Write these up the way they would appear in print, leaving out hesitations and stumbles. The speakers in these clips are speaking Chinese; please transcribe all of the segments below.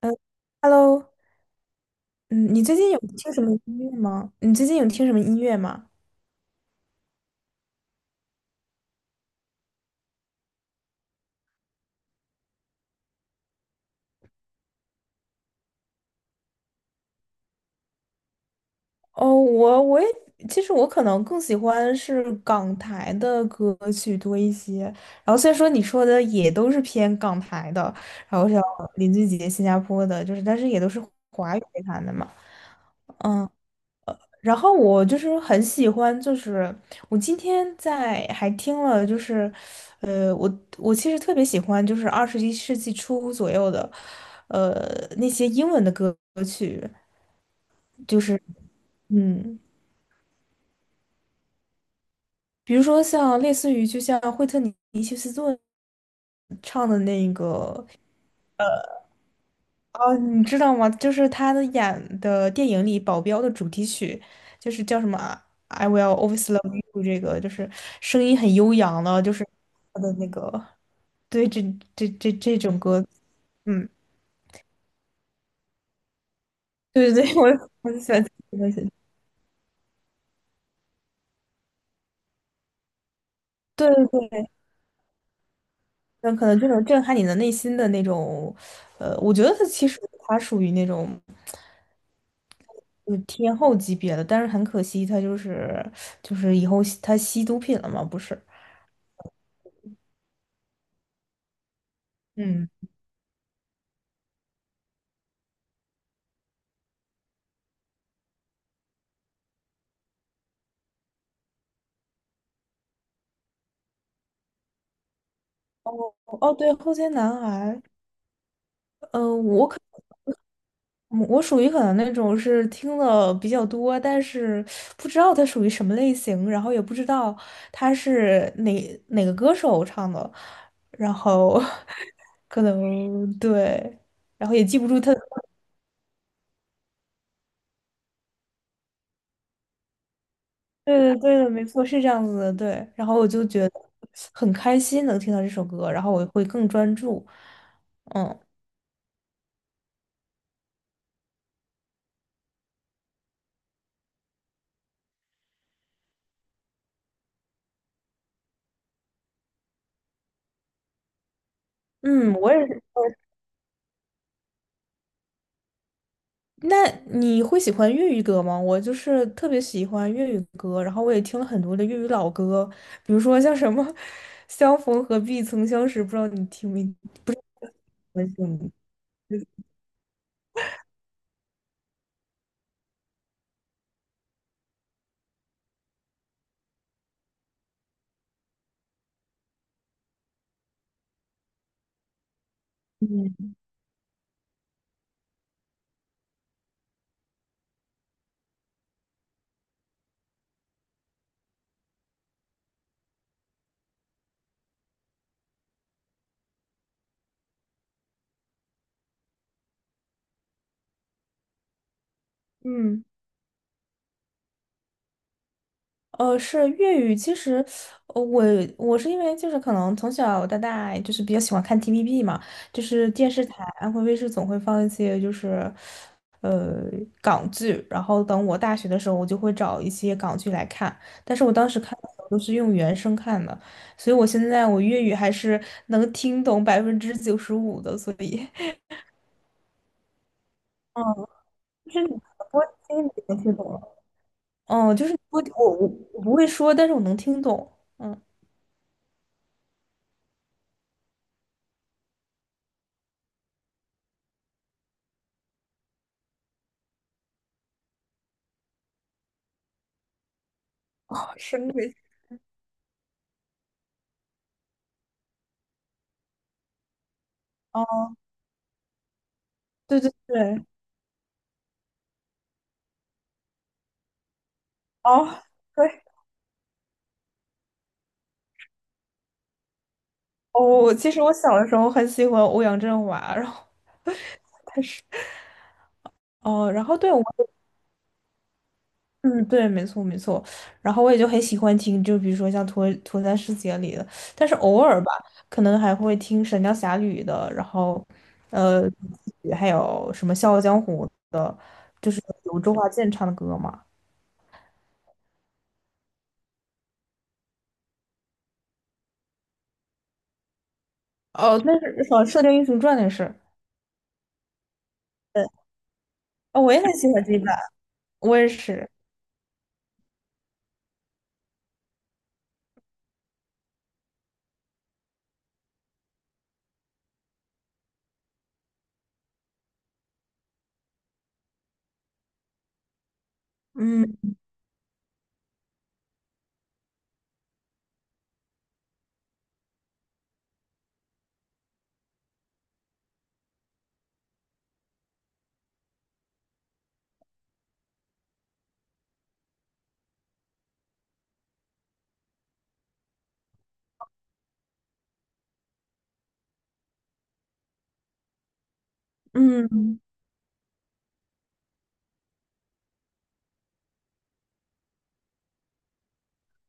嗯 hello 嗯，你最近有听什么音乐吗？你最近有听什么音乐吗？哦，我也其实我可能更喜欢是港台的歌曲多一些，然后虽然说你说的也都是偏港台的，然后像林俊杰、新加坡的，就是但是也都是华语乐坛的嘛。然后我就是很喜欢，就是我今天在还听了，就是，呃，我我其实特别喜欢，就是21世纪初左右的，呃，那些英文的歌曲，就是嗯，比如说像类似于就像惠特尼休斯顿唱的那个哦，你知道吗？就是他的演的电影里《保镖》的主题曲，就是叫什么啊 I Will Always Love You》，这个就是声音很悠扬的，就是他的那个对这种歌，嗯，对对对，我就喜欢这个东西，对对对，那可能这种震撼你的内心的那种，我觉得他其实他属于那种。就是天后级别的，但是很可惜，他就是以后他吸毒品了嘛，不是？嗯。哦，对，后街男孩，嗯、我属于可能那种是听的比较多，但是不知道它属于什么类型，然后也不知道他是哪个歌手唱的，然后 可能对，然后也记不住他。对对对的，没错，是这样子的，对。然后我就觉得很开心能听到这首歌，然后我会更专注。嗯嗯，我也是，那你会喜欢粤语歌吗？我就是特别喜欢粤语歌，然后我也听了很多的粤语老歌，比如说像什么 《相逢何必曾相识》，不知道你听没听过这种嗯。是粤语。其实，呃我我是因为就是可能从小到大就是比较喜欢看 TVB 嘛，就是电视台安徽卫视总会放一些就是呃港剧，然后等我大学的时候，我就会找一些港剧来看。但是我当时看的时候都是用原声看的，所以我现在我粤语还是能听懂95%的，所以 嗯，就是你不会听，你能听懂了。嗯，就是不，我不会说，但是我能听懂。嗯，声，是那哦，对对对，哦，对，哦，其实我小的时候很喜欢欧阳震华，然后但是，哦，然后对我也嗯，对，没错没错，然后我也就很喜欢听，就比如说像《脱单世姐》里的，但是偶尔吧，可能还会听《神雕侠侣》的，然后，呃，还有什么《笑傲江湖》的，就是有周华健唱的歌嘛。哦，那是好像《射雕英雄传》那是，对，哦，我也很喜欢这一版，我也是，嗯嗯。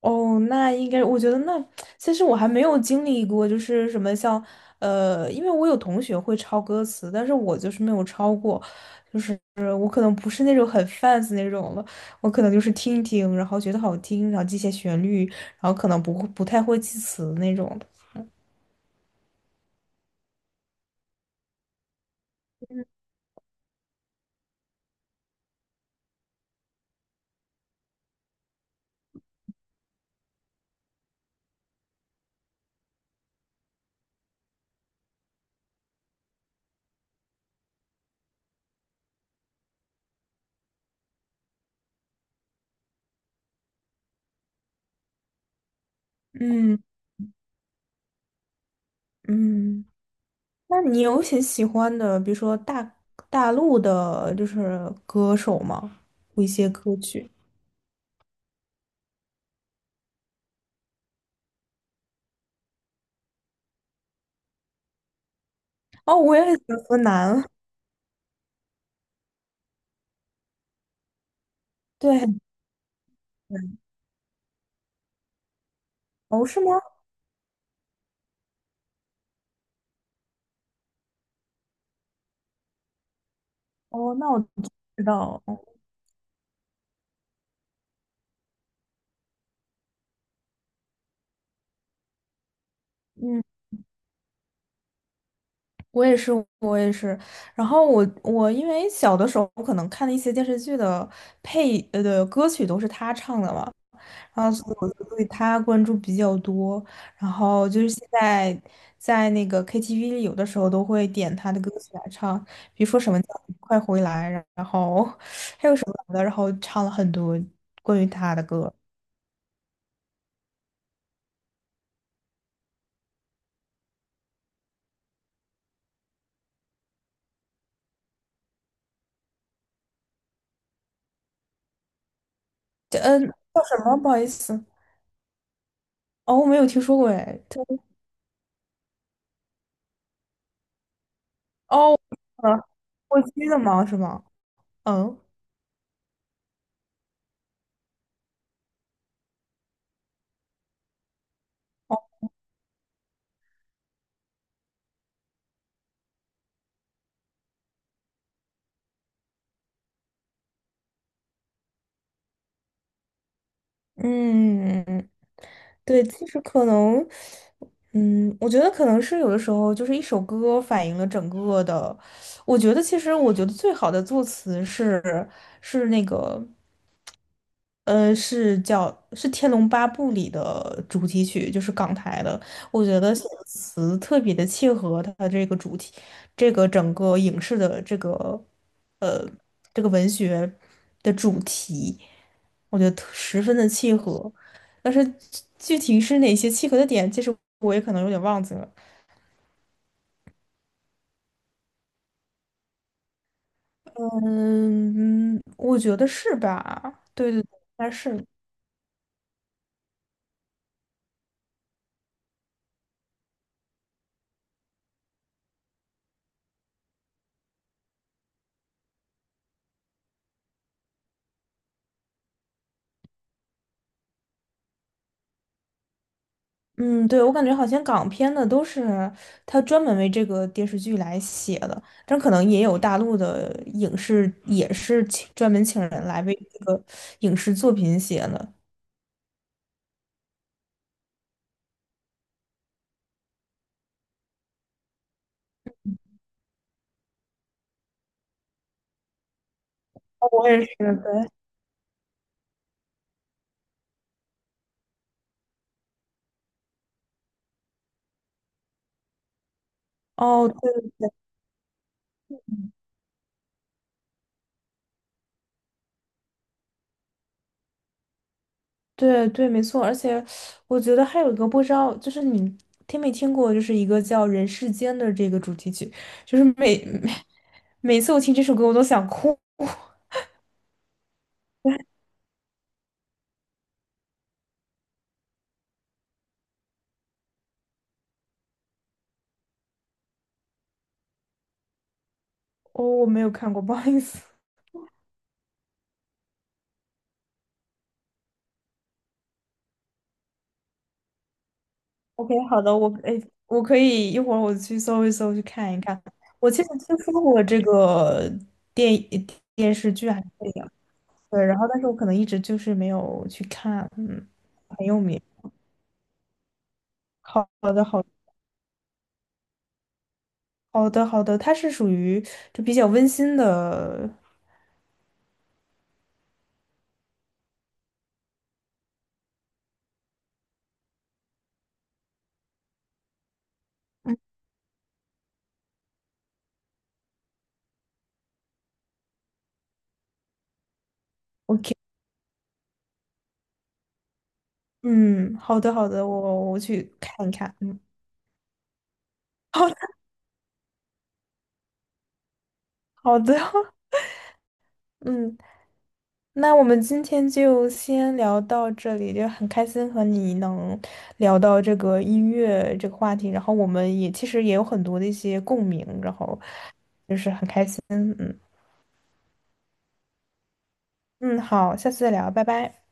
哦，那应该，我觉得那其实我还没有经历过，就是什么像，因为我有同学会抄歌词，但是我就是没有抄过，就是我可能不是那种很 fans 那种了，我可能就是听一听，然后觉得好听，然后记些旋律，然后可能不会不太会记词那种的嗯嗯，那你有很喜欢的，比如说大陆的，就是歌手吗？一些歌曲。哦，我也很喜欢河南，对。哦，是吗？哦，那我知道，哦嗯，我也是，我也是。然后我因为小的时候可能看的一些电视剧的的歌曲都是他唱的嘛，然后所以我就对他关注比较多。然后就是现在在那个 KTV 里，有的时候都会点他的歌曲来唱，比如说什么叫《快回来》，然后还有什么来的，然后唱了很多关于他的歌。嗯，叫什么？不好意思，哦，我没有听说过哎。哦，呃，过期的吗？是吗？嗯，哦嗯，对，其实可能，嗯，我觉得可能是有的时候就是一首歌反映了整个的。我觉得其实我觉得最好的作词是那个。是叫是《天龙八部》里的主题曲，就是港台的。我觉得写的词特别的契合它的这个主题，这个整个影视的呃这个文学的主题，我觉得特十分的契合。但是具体是哪些契合的点，其实我也可能有点忘记了。嗯，嗯我觉得是吧？对对对，应该是。嗯，对，我感觉好像港片的都是他专门为这个电视剧来写的，但可能也有大陆的影视也是请专门请人来为这个影视作品写的。哦我也是，对。哦，对对对，没错，而且我觉得还有一个不知道，就是你听没听过，就是一个叫《人世间》的这个主题曲，就是每次我听这首歌我都想哭。哦，我没有看过，不好意思。OK，好的，我哎，我可以一会儿我去搜一搜，去看一看。我其实听说过这个电呃电视剧还是电影，对，然后但是我可能一直就是没有去看，嗯，很有名。好好的，好好的，好的，它是属于就比较温馨的，嗯，好的，好的，我去看一看，嗯，好好的，嗯，那我们今天就先聊到这里，就很开心和你能聊到这个音乐这个话题，然后我们也其实也有很多的一些共鸣，然后就是很开心。嗯嗯，好，下次再聊，拜拜。